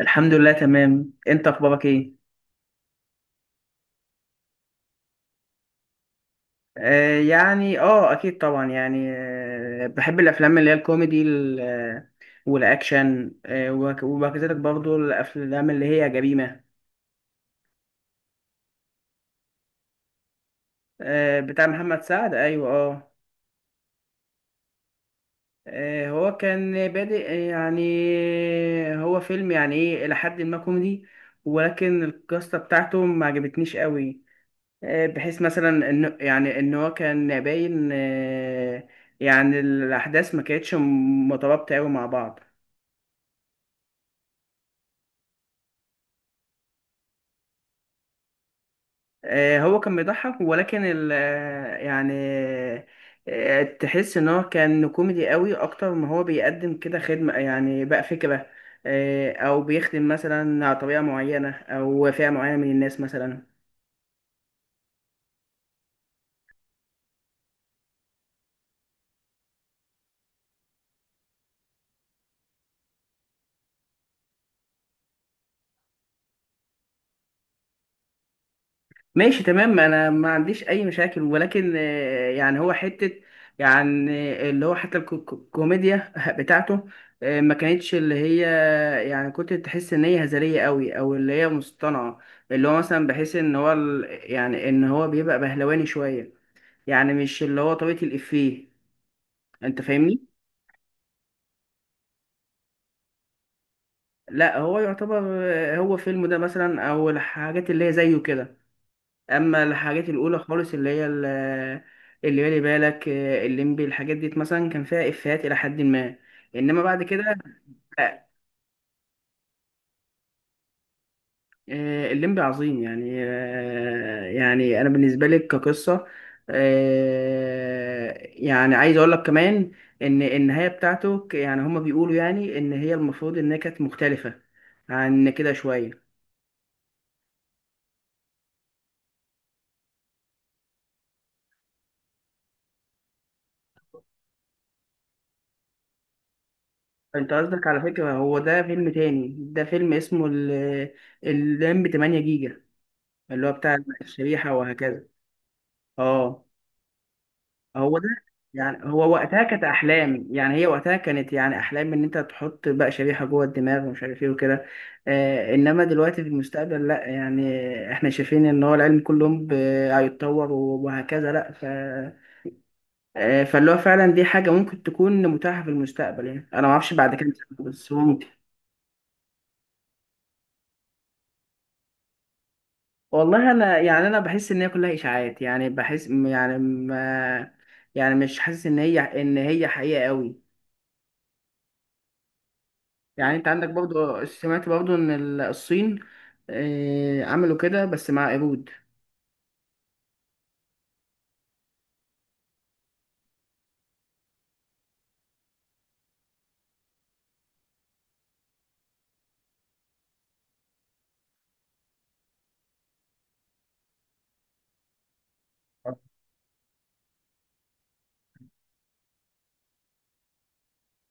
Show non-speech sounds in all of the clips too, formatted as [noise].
الحمد لله، تمام. انت اخبارك ايه؟ يعني اكيد طبعا يعني. بحب الافلام اللي هي الكوميدي والاكشن وكذلك برضو الافلام اللي هي جريمة. آه، بتاع محمد سعد. ايوه، اه. هو كان بادئ يعني. هو فيلم، يعني ايه، الى حد ما كوميدي، ولكن القصة بتاعته ما عجبتنيش قوي. بحيث مثلا انه يعني ان هو كان باين. يعني الاحداث ما كانتش مترابطه قوي مع بعض. هو كان بيضحك ولكن ال آه، يعني تحس ان هو كان كوميدي قوي اكتر ما هو بيقدم كده خدمه، يعني بقى فكره. او بيخدم مثلا على طريقه معينه او فئه معينه من الناس مثلا. ماشي، تمام. انا ما عنديش اي مشاكل، ولكن يعني هو حتة، يعني، اللي هو حتى الكوميديا [laughs] بتاعته ما كانتش اللي هي، يعني كنت تحس ان هي هزلية قوي او اللي هي مصطنعة. اللي هو مثلا بحس ان هو يعني ان هو بيبقى بهلواني شوية، يعني مش اللي هو طريقة الافيه. انت فاهمني؟ لا، هو يعتبر هو فيلم ده مثلا او الحاجات اللي هي زيه كده، اما الحاجات الاولى خالص اللي هي اللي بالي بالك الليمبي، الحاجات دي مثلا كان فيها افيهات الى حد ما، انما بعد كده الليمبي عظيم يعني. يعني انا بالنسبه لك كقصه، يعني عايز اقول لك كمان ان النهايه بتاعته يعني هما بيقولوا يعني ان هي المفروض انها كانت مختلفه عن كده شويه. انت قصدك، على فكره، هو ده فيلم تاني، ده فيلم اسمه الليمبي 8 جيجا، اللي هو بتاع الشريحة وهكذا. اه، هو ده. يعني هو وقتها كانت أحلام، يعني هي وقتها كانت يعني أحلام إن أنت تحط بقى شريحة جوه الدماغ ومش عارف إيه وكده. إنما دلوقتي في المستقبل لأ، يعني إحنا شايفين إن هو العلم كل يوم هيتطور وهكذا، لأ، ف فاللي هو فعلا دي حاجة ممكن تكون متاحة في المستقبل. يعني أنا معرفش بعد كام سنة بس هو ممكن. والله انا يعني انا بحس ان هي كلها اشاعات. يعني بحس يعني ما يعني مش حاسس ان هي حقيقه قوي. يعني انت عندك برضو، سمعت برضو ان الصين عملوا كده بس مع قرود.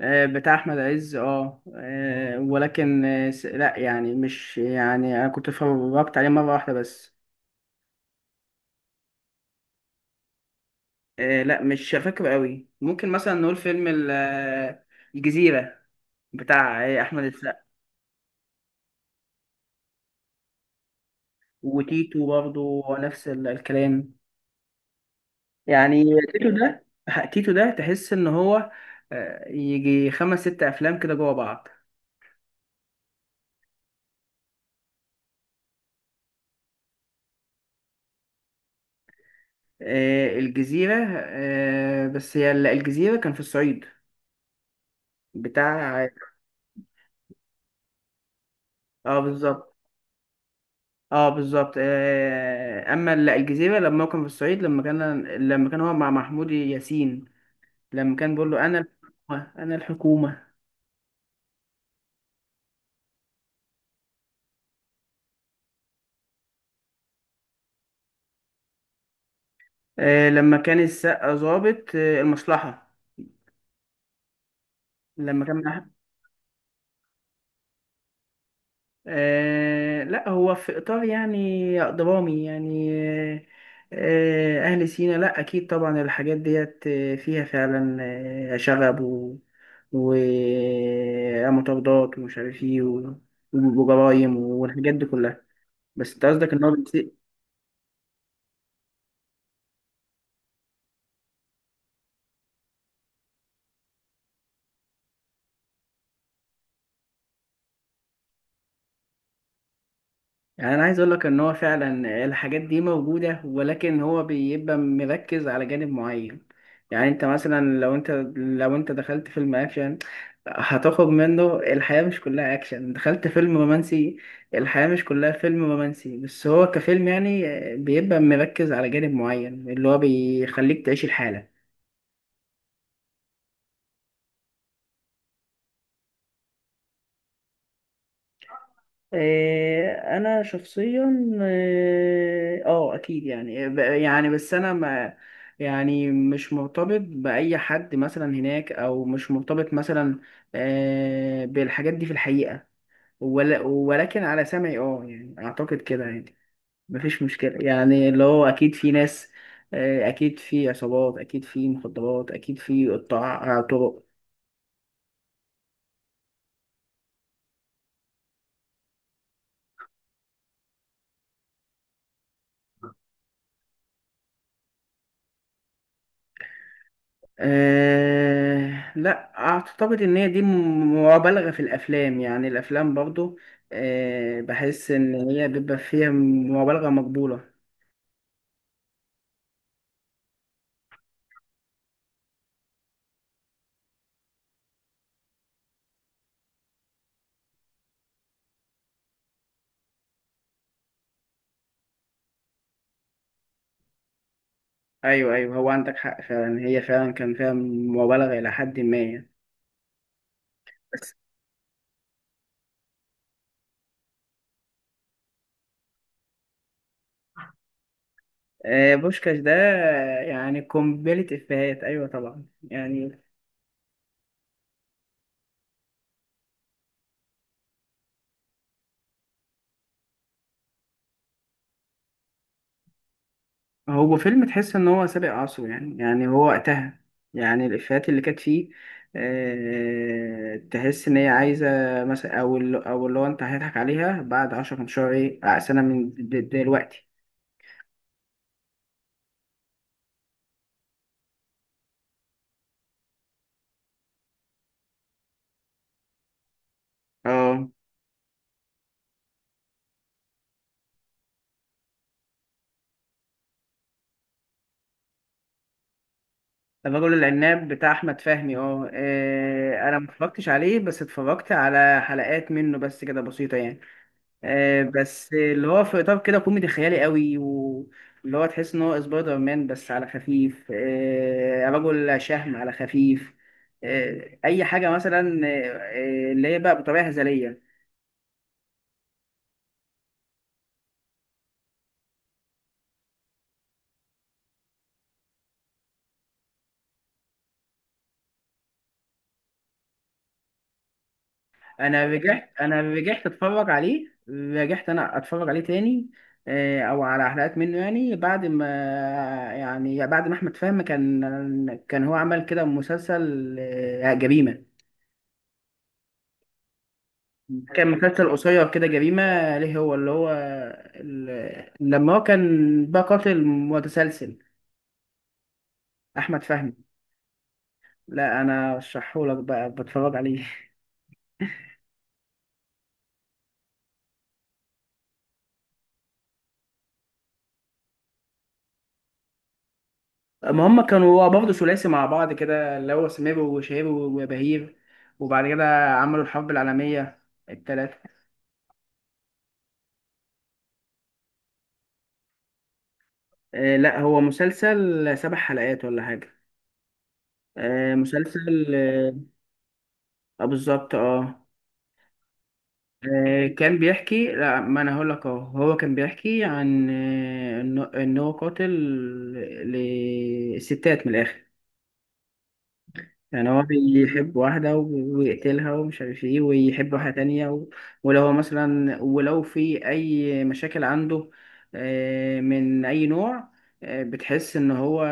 بتاع احمد عز. ولكن لا، يعني مش، يعني انا كنت اتفرجت عليه مره واحده بس. لا، مش فاكر قوي. ممكن مثلا نقول فيلم الجزيره، بتاع احمد السقا، وتيتو برضه نفس الكلام، يعني. تيتو ده، تحس ان هو يجي خمس ست افلام كده جوا بعض. الجزيرة، بس هي الجزيرة كان في الصعيد، بتاع. اه، بالظبط. اه، بالظبط. اما الجزيرة لما هو كان في الصعيد، لما كان هو مع محمود ياسين، لما كان بيقول له: انا الحكومة، انا الحكومة. لما كان السقا ظابط المصلحة، لما كان مع. لا، هو في إطار يعني درامي يعني. آه أهل سينا، لا أكيد طبعا الحاجات ديت فيها فعلا شغب و ومطاردات ومش عارف ايه وجرايم والحاجات دي كلها. بس انت قصدك ان هو، يعني انا عايز اقول لك ان هو فعلا الحاجات دي موجوده، ولكن هو بيبقى مركز على جانب معين. يعني انت مثلا لو انت دخلت فيلم اكشن، هتاخد منه، الحياه مش كلها اكشن. دخلت فيلم رومانسي، الحياه مش كلها فيلم رومانسي، بس هو كفيلم، يعني بيبقى مركز على جانب معين اللي هو بيخليك تعيش الحاله. انا شخصيا، اكيد يعني يعني بس انا ما، يعني مش مرتبط باي حد مثلا هناك، او مش مرتبط مثلا بالحاجات دي في الحقيقه، ولا، ولكن على سمعي اه، يعني اعتقد كده، يعني مفيش مشكله، يعني اللي هو اكيد في ناس، اكيد في عصابات، اكيد في مخدرات، اكيد في قطاع طرق. لا، أعتقد إن هي دي مبالغة في الأفلام، يعني الأفلام برضو بحس إن هي بيبقى فيها مبالغة مقبولة. أيوه، أيوه، هو عندك حق. فعلا هي فعلا كان فيها مبالغة إلى حد ما يعني. بس بوشكاش ده، يعني قنبلة إفيهات، أيوه طبعا يعني. هو فيلم تحس ان هو سابق عصره، يعني هو وقتها، يعني الافيهات اللي كانت فيه تحس ان هي عايزه، مثلا، او او اللي هو انت هتضحك عليها بعد 10 15 ايه سنه من دلوقتي. اه. الرجل العناب بتاع احمد فهمي. انا ما اتفرجتش عليه، بس اتفرجت على حلقات منه بس كده بسيطه يعني. بس اللي هو في اطار كده كوميدي خيالي قوي، واللي هو تحس ان هو سبايدر مان بس على خفيف، رجل شهم على خفيف، اي حاجه مثلا، اللي هي بقى بطريقه هزليه. انا رجعت اتفرج عليه، رجعت انا اتفرج عليه تاني، او على حلقات منه، يعني بعد ما، يعني بعد ما احمد فهمي كان هو عمل كده مسلسل جريمه. كان مسلسل قصير كده جريمة، ليه، هو اللي هو لما هو كان بقى قاتل متسلسل، أحمد فهمي. لا، أنا رشحهولك بقى، بتفرج عليه. ما هم كانوا برضه ثلاثي مع بعض كده، اللي هو سمير وشهير وبهير، وبعد كده عملوا الحرب العالمية التلاتة. لا، هو مسلسل سبع حلقات ولا حاجة، مسلسل بالظبط، اه. كان بيحكي، لا، ما انا هقول لك اهو. هو كان بيحكي عن إن هو قاتل لستات، من الاخر. يعني هو بيحب واحدة ويقتلها ومش عارف ايه، ويحب واحدة تانية و. ولو هو مثلا ولو في اي مشاكل عنده من اي نوع، بتحس ان هو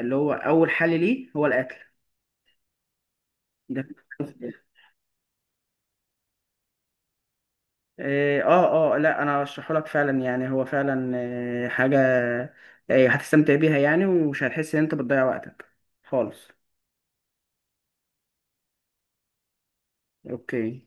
اللي هو اول حل ليه هو القتل. إيه، اه، اه، لا انا ارشحه لك فعلا، يعني هو فعلا حاجه هتستمتع بيها يعني، ومش هتحس ان انت بتضيع وقتك خالص. اوكي.